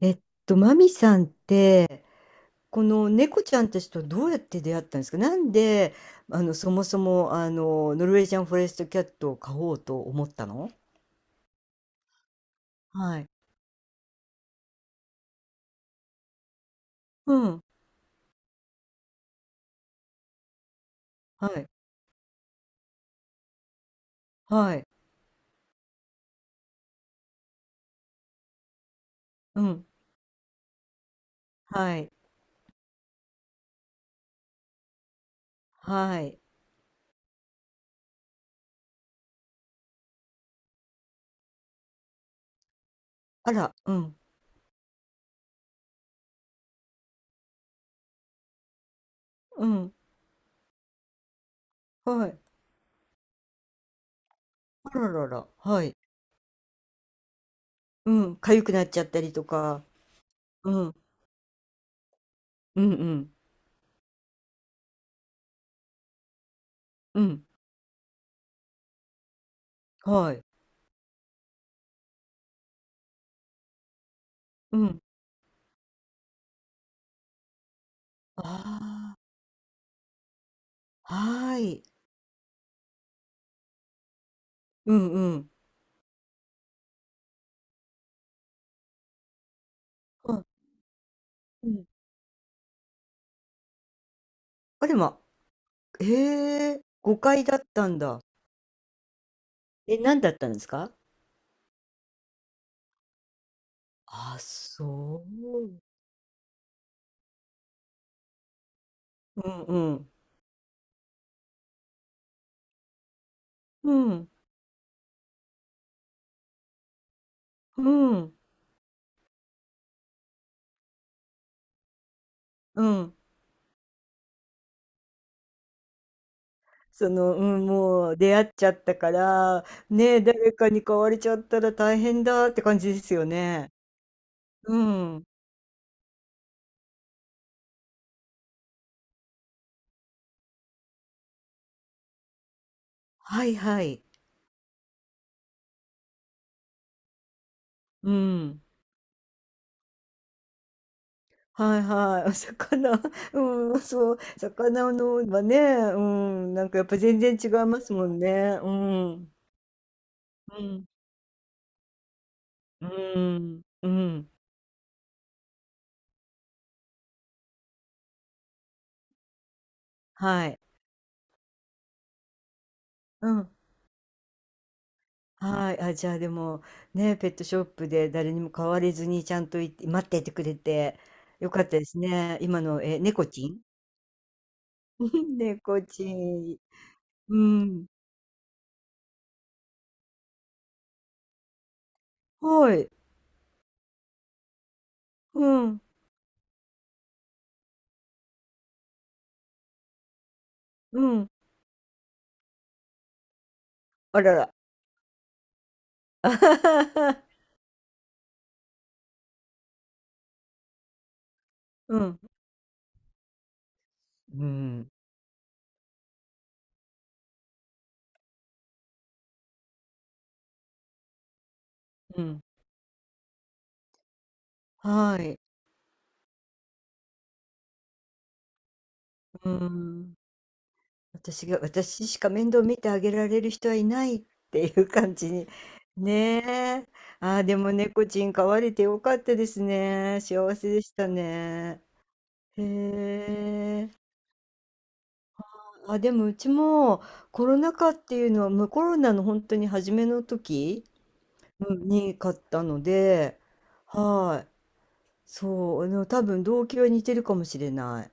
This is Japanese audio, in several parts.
えっマミさんって、この猫ちゃんたちとどうやって出会ったんですか？なんで、そもそも、ノルウェージャンフォレストキャットを飼おうと思ったの。はい。うん。はい。はい。うん。はい。はい。あら、うん。うん。はい。あららら。はい。うん。痒くなっちゃったりとか。うん。うんうん。うん。はい。うん。ああ。はい。うんうん。はいうんああはいうんうんはうん。あれま。へえ、誤解だったんだ。え、何だったんですか？あ、そう。うんうん。うん。うん。うん。その、うん、もう出会っちゃったから、ねえ、誰かに買われちゃったら大変だって感じですよね。うん。はいはい。うん。はいはい。お魚、うん、そう。魚のはね、うん、なんかやっぱ全然違いますもんね。うん。うん。うん。うん。はい。うん。はい。あ、じゃあでも、ね、ペットショップで誰にも買われずにちゃんといて待っていてくれてよかったですね。今の、え、猫ちん。 猫ちん。うん。はい。うん。うん。あらら。うん。うん。うん。はい。うん。私が私しか面倒見てあげられる人はいないっていう感じに。ねえ。ああ、でも猫ちん飼われてよかったですね。幸せでしたね。へえ。あ、でもうちもコロナ禍っていうのは、もうコロナの本当に初めの時、うんに買ったので、はい。そう、あの多分動機は似てるかもしれない。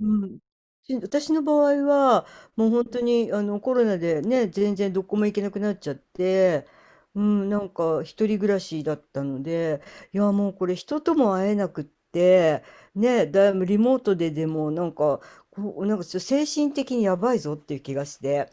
うん。し私の場合は、もう本当にコロナでね、全然どこも行けなくなっちゃって、うん、なんか一人暮らしだったので、いやもうこれ人とも会えなくって、ね、だいぶリモートででもなんか、こう、なんかちょっと精神的にやばいぞっていう気がして。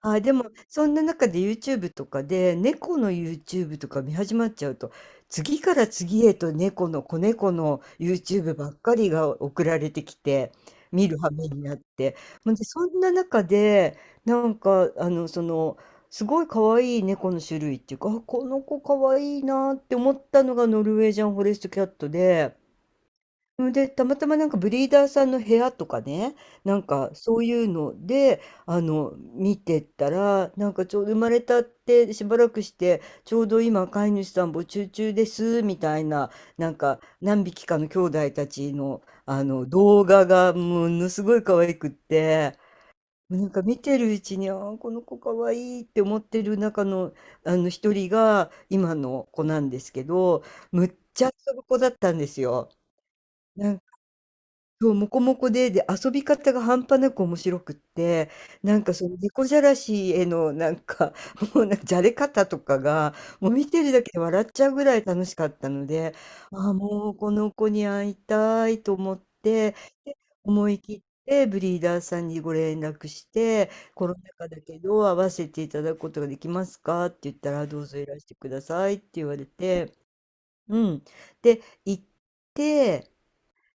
あ、でも、そんな中で YouTube とかで、猫の YouTube とか見始まっちゃうと、次から次へと猫の子猫の YouTube ばっかりが送られてきて、見る羽目になって。ほんで、そんな中で、なんか、すごい可愛い猫の種類っていうか、あ、この子可愛いなって思ったのがノルウェージャンフォレストキャットで、うん、で、たまたまなんかブリーダーさんの部屋とかね、なんかそういうので、見てたら、なんかちょうど生まれたってしばらくして、ちょうど今飼い主さん募集中です、みたいな、なんか何匹かの兄弟たちの、動画がものすごい可愛くって、なんか見てるうちに、あーこの子可愛いいって思ってる中の、あの一人が今の子なんですけど、むっちゃ遊ぶ子だったんですよ。なんそう、モコモコで、で、遊び方が半端なく面白くって、なんかその猫じゃらしへのなんか、もうなんかじゃれ方とかが、もう見てるだけで笑っちゃうぐらい楽しかったので、ああ、もうこの子に会いたいと思って、で、思い切ってブリーダーさんにご連絡して、コロナ禍だけど会わせていただくことができますかって言ったら、どうぞいらしてくださいって言われて、うん。で、行って、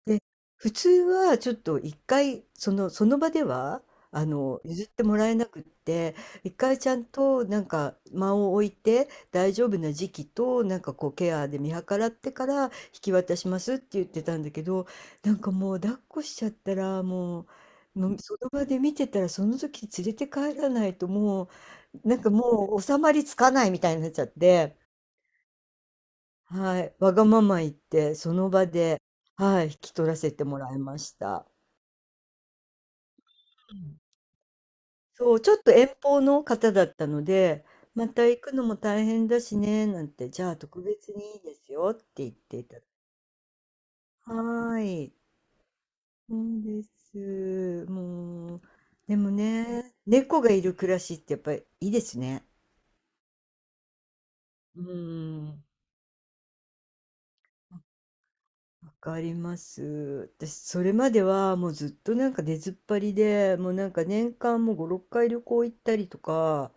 で、普通はちょっと1回その場では、譲ってもらえなくって、1回ちゃんとなんか間を置いて、大丈夫な時期と、なんかこうケアで見計らってから、引き渡しますって言ってたんだけど、なんかもう抱っこしちゃったら、もうその場で見てたら、その時連れて帰らないともう、なんかもう収まりつかないみたいになっちゃって、はい、わがまま言って、その場で、はい、引き取らせてもらいました。そう、ちょっと遠方の方だったので、また行くのも大変だしね、なんて、じゃあ特別にいいですよって言っていた。はーい。そうです。もう、でもね、猫がいる暮らしってやっぱりいいですね。うん。わかります。私、それまではもうずっとなんか出ずっぱりで、もうなんか年間もう5、6回旅行行ったりとか、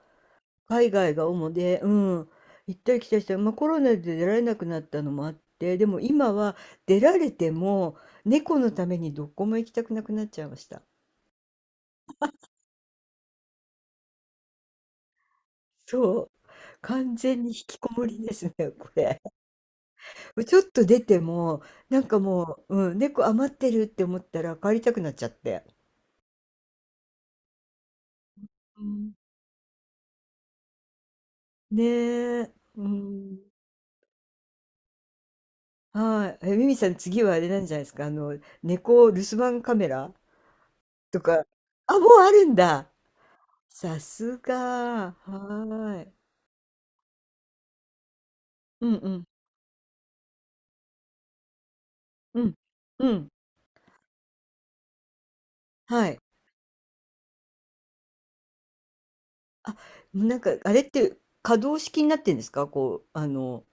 海外が主で、うん、行ったり来たりして、まあ、コロナで出られなくなったのもあって、でも今は出られても、猫のためにどこも行きたくなくなっちゃいました。そう。完全に引きこもりですね、これ。ちょっと出ても、なんかもう、うん、猫余ってるって思ったら帰りたくなっちゃって。うん。ねえ。うん。はい。え、ミミさん、次はあれなんじゃないですか、猫留守番カメラとか、あ、もうあるんだ。さすが、はーい。うんうん。うん。うん。はい。あ、なんか、あれって可動式になってんですか？こう、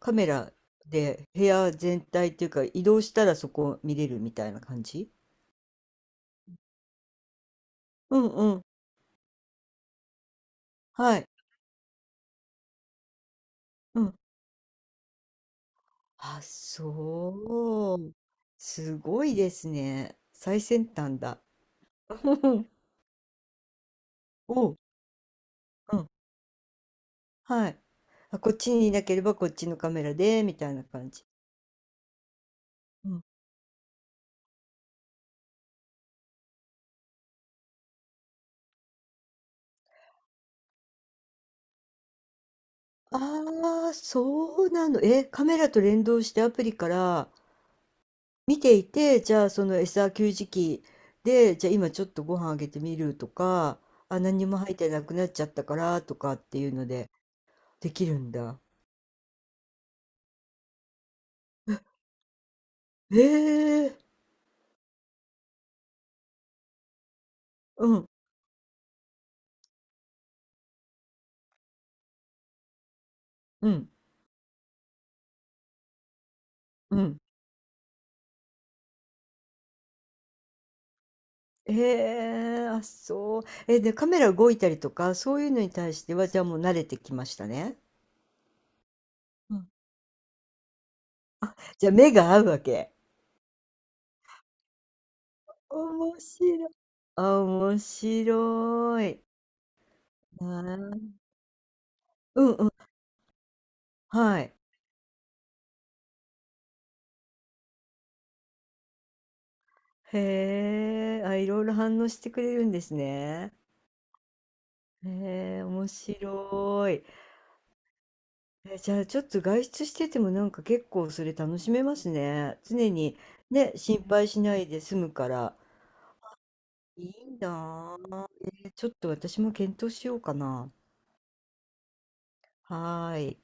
カメラで部屋全体っていうか、移動したらそこ見れるみたいな感じ。うんうん。はい。うん。あ、そう。すごいですね。最先端だ。おう。うん。はい。あ、こっちにいなければこっちのカメラで、みたいな感じ。ああ、そうなの。え、カメラと連動してアプリから見ていて、じゃあその餌給餌器で、じゃあ今ちょっとご飯あげてみるとか、あ、何にも入ってなくなっちゃったからとかっていうのでできるんだ。ええうん、うん、うん。ええあ、そう。え、で、カメラ動いたりとか、そういうのに対しては、じゃあもう慣れてきましたね。うん。じゃあ目が合うわけ。面白い。面白い。なうんうん、はい。へえ、あ、いろいろ反応してくれるんですね。へえ、面白い。え、じゃあちょっと外出しててもなんか結構それ楽しめますね。常にね、心配しないで済むから。いいなあ。えーちょっと私も検討しようかな。はーい。